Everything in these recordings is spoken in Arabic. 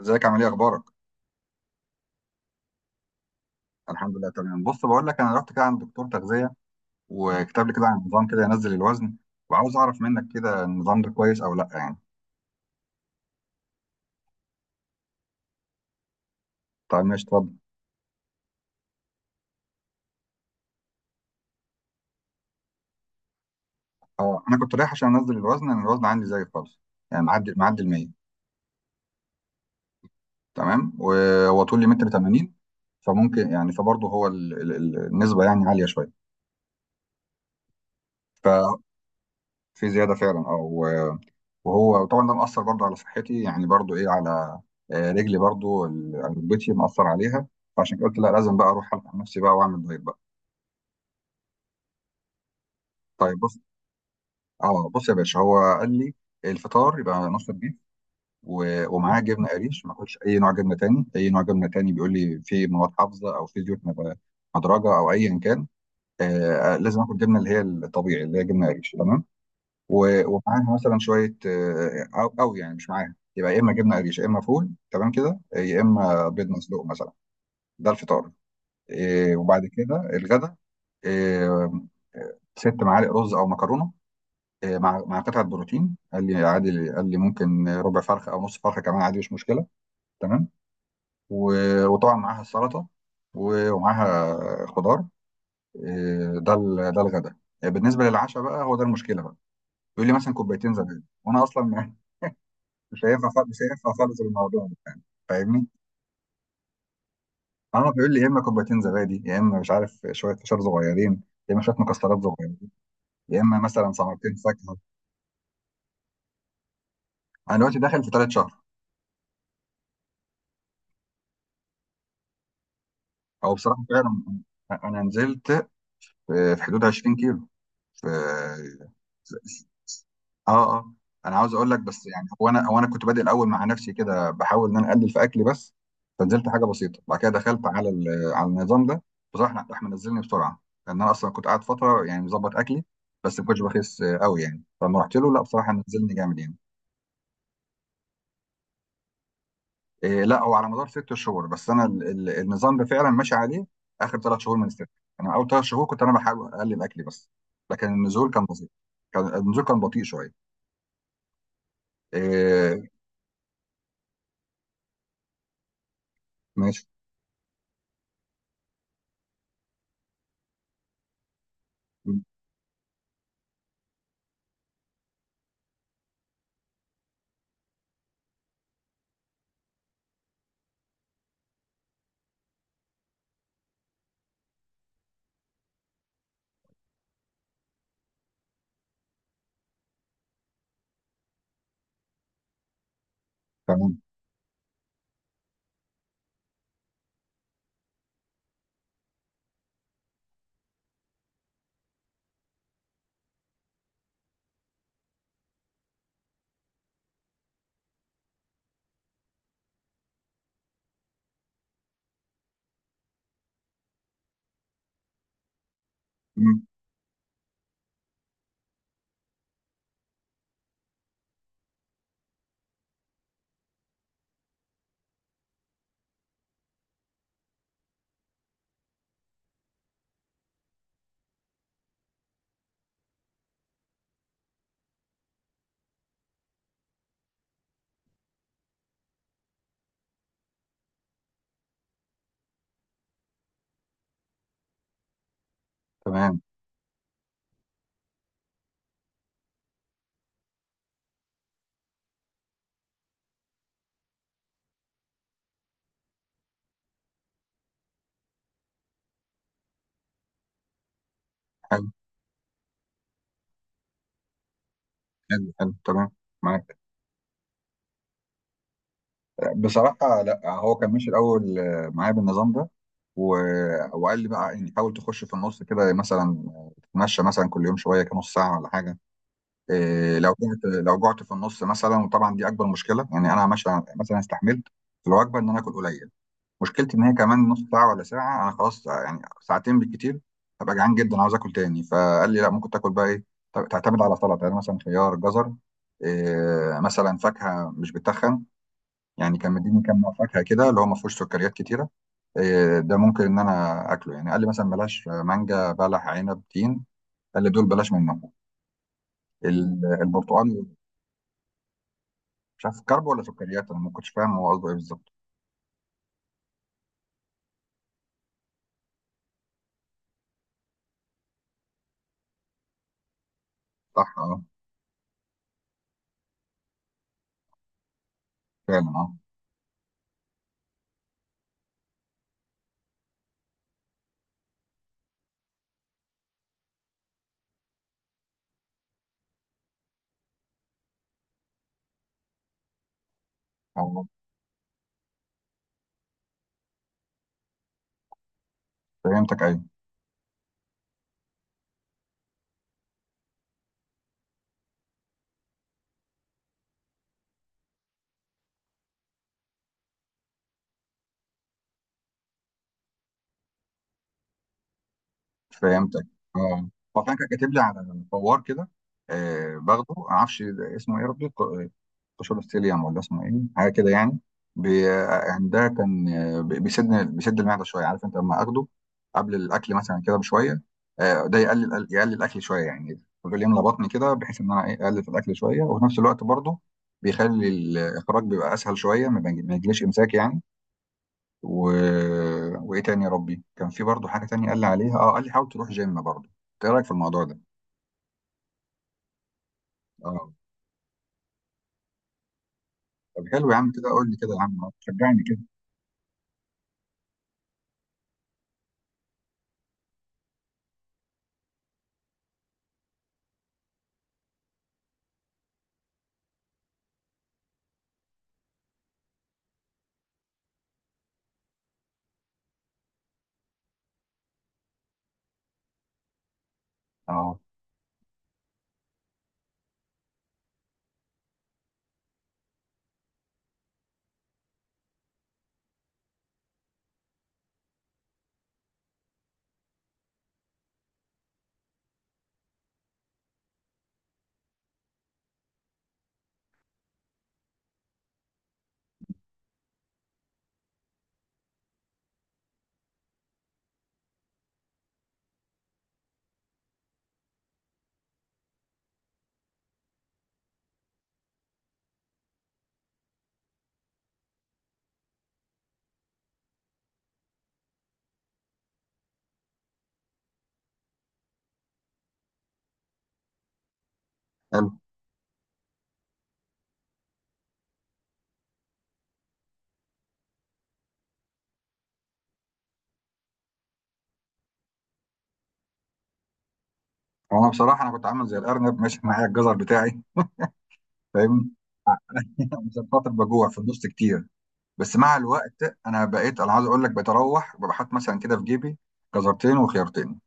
ازيك؟ عامل ايه؟ اخبارك؟ الحمد لله تمام. بص، بقول لك، انا رحت كده عند دكتور تغذيه وكتب لي كده عن نظام كده ينزل الوزن، وعاوز اعرف منك كده النظام ده كويس او لا يعني. طيب ماشي، اتفضل. اه انا كنت رايح عشان انزل الوزن، انا الوزن عندي زي خالص، يعني معدي ال 100. تمام، وهو طولي متر 80. فممكن يعني، فبرضه هو النسبه يعني عاليه شويه. ففي زياده فعلا، اه. وهو طبعا ده مأثر برضه على صحتي، يعني برضه ايه على رجلي، برضه ركبتي مأثر عليها. فعشان كده قلت لا، لازم بقى اروح الحق نفسي بقى واعمل دايت بقى. طيب بص، اه بص يا باشا، هو قال لي الفطار يبقى نص البيف و- ومعاه جبنه قريش، ما اكلش اي نوع جبنه تاني. اي نوع جبنه تاني بيقول لي فيه مواد حافظه او فيه زيوت مدرجه او ايا كان. لازم اكل جبنه اللي هي الطبيعي، اللي هي جبنه قريش، تمام. و- ومعاها مثلا شويه، او يعني مش معاها، يبقى يا اما جبنه قريش يا اما فول، تمام كده، يا اما بيض مسلوق مثلا. ده الفطار. وبعد كده الغدا. إيه، 6 معالق رز او مكرونه، مع قطعه بروتين. قال لي عادي، قال لي ممكن ربع فرخه او نص فرخه كمان عادي، مش مشكله. تمام. و- وطبعا معاها السلطه و- ومعاها خضار. ده الغدا. بالنسبه للعشاء بقى، هو ده المشكله بقى. يقول لي مثلا كوبايتين زبادي، وانا اصلا مش هينفع خالص، مش هينفع خالص الموضوع ده يعني. فاهمني؟ عمرو بيقول لي يا اما كوبايتين زبادي، يا اما مش عارف شويه فشار صغيرين، يا اما شويه مكسرات صغيرين، يا اما مثلا ثمرتين فاكهه. انا دلوقتي داخل في ثالث شهر. او بصراحه فعلا، انا نزلت في حدود 20 كيلو. في اه اه، انا عاوز اقول لك بس يعني، هو انا كنت بادئ الاول مع نفسي كده بحاول ان انا اقلل في اكلي بس. فنزلت حاجه بسيطه، بعد كده دخلت على على النظام ده. بصراحه راح منزلني بسرعه، لان انا اصلا كنت قاعد فتره يعني مظبط اكلي بس ما كنتش بخس قوي يعني. فلما رحت له، لا بصراحه نزلني جامد يعني. إيه لا، هو على مدار 6 شهور، بس انا النظام ده فعلا ماشي عليه اخر 3 شهور من الست. انا اول 3 شهور كنت انا بحاول اقلل اكلي بس، لكن النزول كان بسيط، كان النزول كان بطيء شويه. إيه. ماشي. تمام تمام. حلو حلو حلو. تمام معاك. بصراحة لا، هو كان ماشي الأول معايا بالنظام ده و... وقال لي بقى يعني حاول تخش في النص كده، مثلا تتمشى مثلا كل يوم شوية كده نص ساعة ولا حاجة. إيه، لو جعت، لو جعت في النص مثلا، وطبعا دي أكبر مشكلة يعني. أنا ماشي مثلا، استحملت في الوجبة إن أنا آكل قليل. مشكلتي ان هي كمان نص ساعه ولا ساعه، انا خلاص يعني ساعتين بالكتير هبقى جعان جدا، عاوز اكل تاني. فقال لي لا، ممكن تاكل بقى ايه، تعتمد على سلطه، يعني مثلا خيار، جزر، إيه، مثلا فاكهه مش بتخن. يعني كان مديني كام نوع فاكهه كده اللي هو ما فيهوش سكريات كتيره، إيه ده ممكن ان انا اكله، يعني قال لي مثلا بلاش مانجا، بلح، عنب، تين، قال لي دول بلاش منهم. البرتقال، مش عارف كرب ولا سكريات، انا ما كنتش فاهم هو قصده ايه بالظبط. صح اه. فعلا اه. آه، فهمتك، ايوه فهمتك. اه. هو كان كاتب لي على فوار كده، آه باخده، ما اعرفش اسمه ايه يا ربي، قشور ستيليوم ولا اسمه ايه حاجه كده يعني. بي... آه، يعني ده كان بيسد، بيسد المعده شويه، عارف انت لما اخده قبل الاكل مثلا كده بشويه، آه ده يقلل الاكل شويه يعني، بيقول يملى بطني كده بحيث ان انا ايه اقلل في الاكل شويه، وفي نفس الوقت برضه بيخلي الاخراج بيبقى اسهل شويه، ما يجيليش امساك يعني و... وايه تاني يا ربي. كان في برضو حاجه تانية قال لي عليها، اه قال لي حاول تروح جيم برضو. انت ايه رايك في الموضوع ده؟ اه. طب حلو يا عم كده، قول لي كده يا عم، شجعني كده. اه. حلو. هو انا بصراحه انا كنت عامل زي الارنب ماشي معايا الجزر بتاعي. فاهمني؟ عشان خاطر بجوع في النص كتير. بس مع الوقت انا بقيت انا عايز اقول لك بتروح بحط مثلا كده في جيبي جزرتين وخيارتين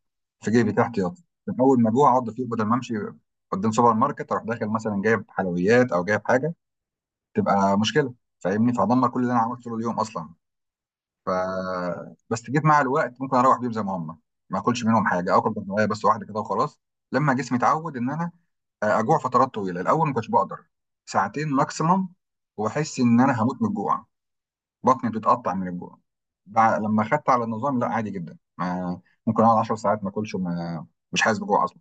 في جيبي تحت ياض، من اول ما اجوع اقعد فيه، بدل ما امشي قدام سوبر ماركت اروح داخل مثلا جايب حلويات او جايب حاجه، تبقى مشكله. فاهمني؟ فهدمر كل اللي انا عملته طول اليوم اصلا. ف بس جيت مع الوقت ممكن اروح بيهم زي ما هم، ما اكلش منهم حاجه، اكل بطنيه بس واحده كده وخلاص. لما جسمي اتعود ان انا اجوع فترات طويله. الاول ما كنتش بقدر، ساعتين ماكسيمم واحس ان انا هموت من الجوع، بطني بتتقطع من الجوع. لما خدت على النظام لا، عادي جدا، ما ممكن اقعد 10 ساعات ما اكلش، مش حاسس بجوع اصلا.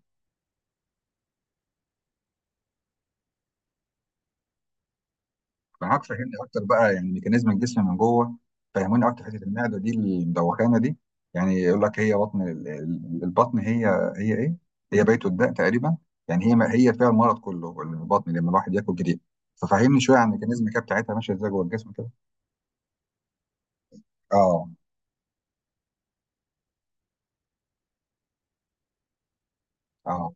معاك. فهمني اكتر بقى يعني ميكانيزم الجسم من جوه، فهموني اكتر حته المعده دي المدوخانه دي. يعني يقول لك هي بطن، البطن هي هي ايه؟ هي بيت الداء تقريبا يعني، هي ما هي فيها المرض كله، البطن لما الواحد ياكل جديد. ففهمني شويه عن الميكانيزم كده بتاعتها ماشيه ازاي جوه الجسم كده. اه. اه.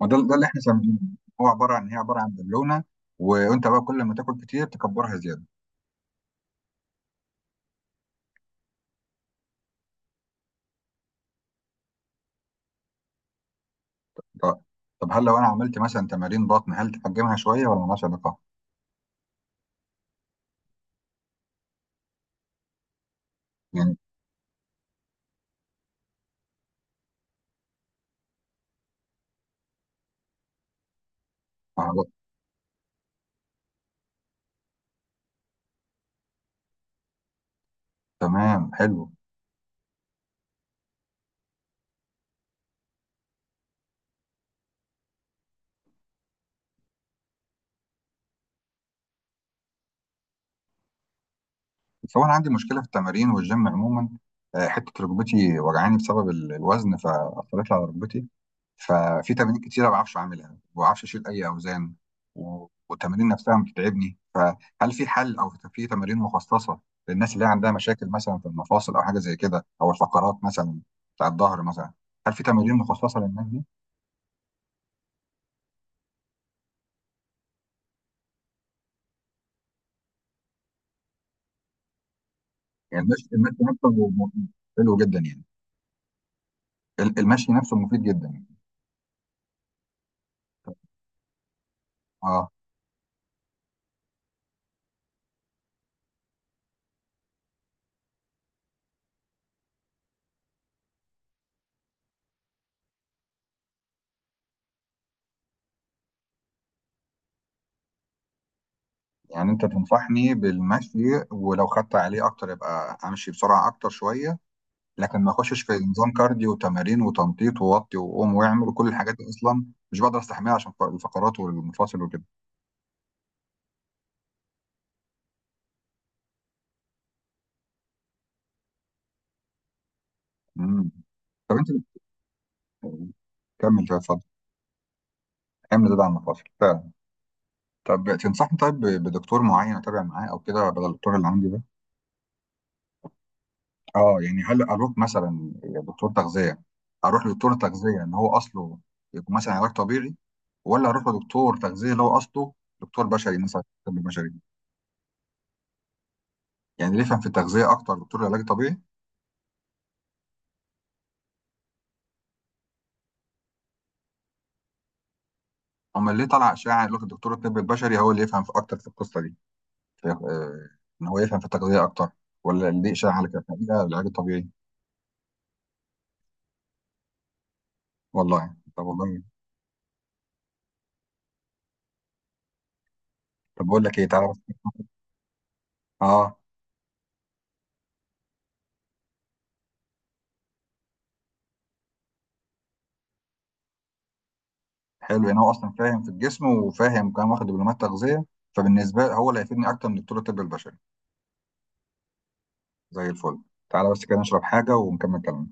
ما ده اللي احنا سامعينه، هو عباره عن، هي عباره عن بالونه، وانت بقى كل ما تاكل كتير تكبرها زياده. طب هل لو انا عملت مثلا تمارين بطن هل تحجمها شويه ولا مالهاش علاقه؟ يعني آه، تمام حلو. بس هو انا عندي مشكله في التمارين والجيم عموما، حته ركبتي وجعاني بسبب الوزن، فاثرت على ركبتي، ففي تمارين كتير ما بعرفش اعملها، ما بعرفش اشيل اي اوزان، و- والتمارين نفسها بتتعبني. فهل في حل او في تمارين مخصصه للناس اللي هي عندها مشاكل مثلا في المفاصل او حاجه زي كده، او الفقرات مثلا بتاع الظهر مثلا؟ هل في تمارين مخصصه للناس دي؟ يعني المشي نفسه حلو جدا يعني؟ المشي نفسه مفيد جدا؟ اه. يعني انت تنصحني بالمشي، ولو خدت عليه اكتر يبقى امشي بسرعه اكتر شويه، لكن ما اخشش في نظام كارديو وتمارين وتنطيط ووطي وقوم واعمل وكل الحاجات دي اصلا، مش بقدر استحملها عشان الفقرات والمفاصل وكده. مم. طب انت كمل كده، اتفضل. اعمل زاد على المفاصل فعلا. طب تنصحني طيب بدكتور معين اتابع معاه او كده بدل الدكتور اللي عندي ده؟ اه يعني هل اروح مثلا دكتور تغذيه، اروح لدكتور تغذيه ان هو اصله يكون مثلا علاج طبيعي، ولا اروح لدكتور تغذيه اللي هو اصله دكتور بشري مثلا، طب بشري؟ يعني اللي يفهم في التغذيه اكتر دكتور العلاج الطبيعي؟ اما اللي طلع اشاعه يقول لك الدكتور الطب البشري هو اللي يفهم في اكتر في القصه دي، في- ان هو يفهم في التغذيه اكتر، ولا اللي اشاعه على كده لا، العلاج الطبيعي؟ والله. طب والله. طب بقول لك ايه، تعالى بس. اه حلو، يعني هو اصلا فاهم في الجسم وفاهم كمان واخد دبلومات تغذيه، فبالنسبه له هو اللي هيفيدني اكتر من دكتور الطب البشري. زي الفل. تعالى بس كده نشرب حاجه ونكمل كلامنا.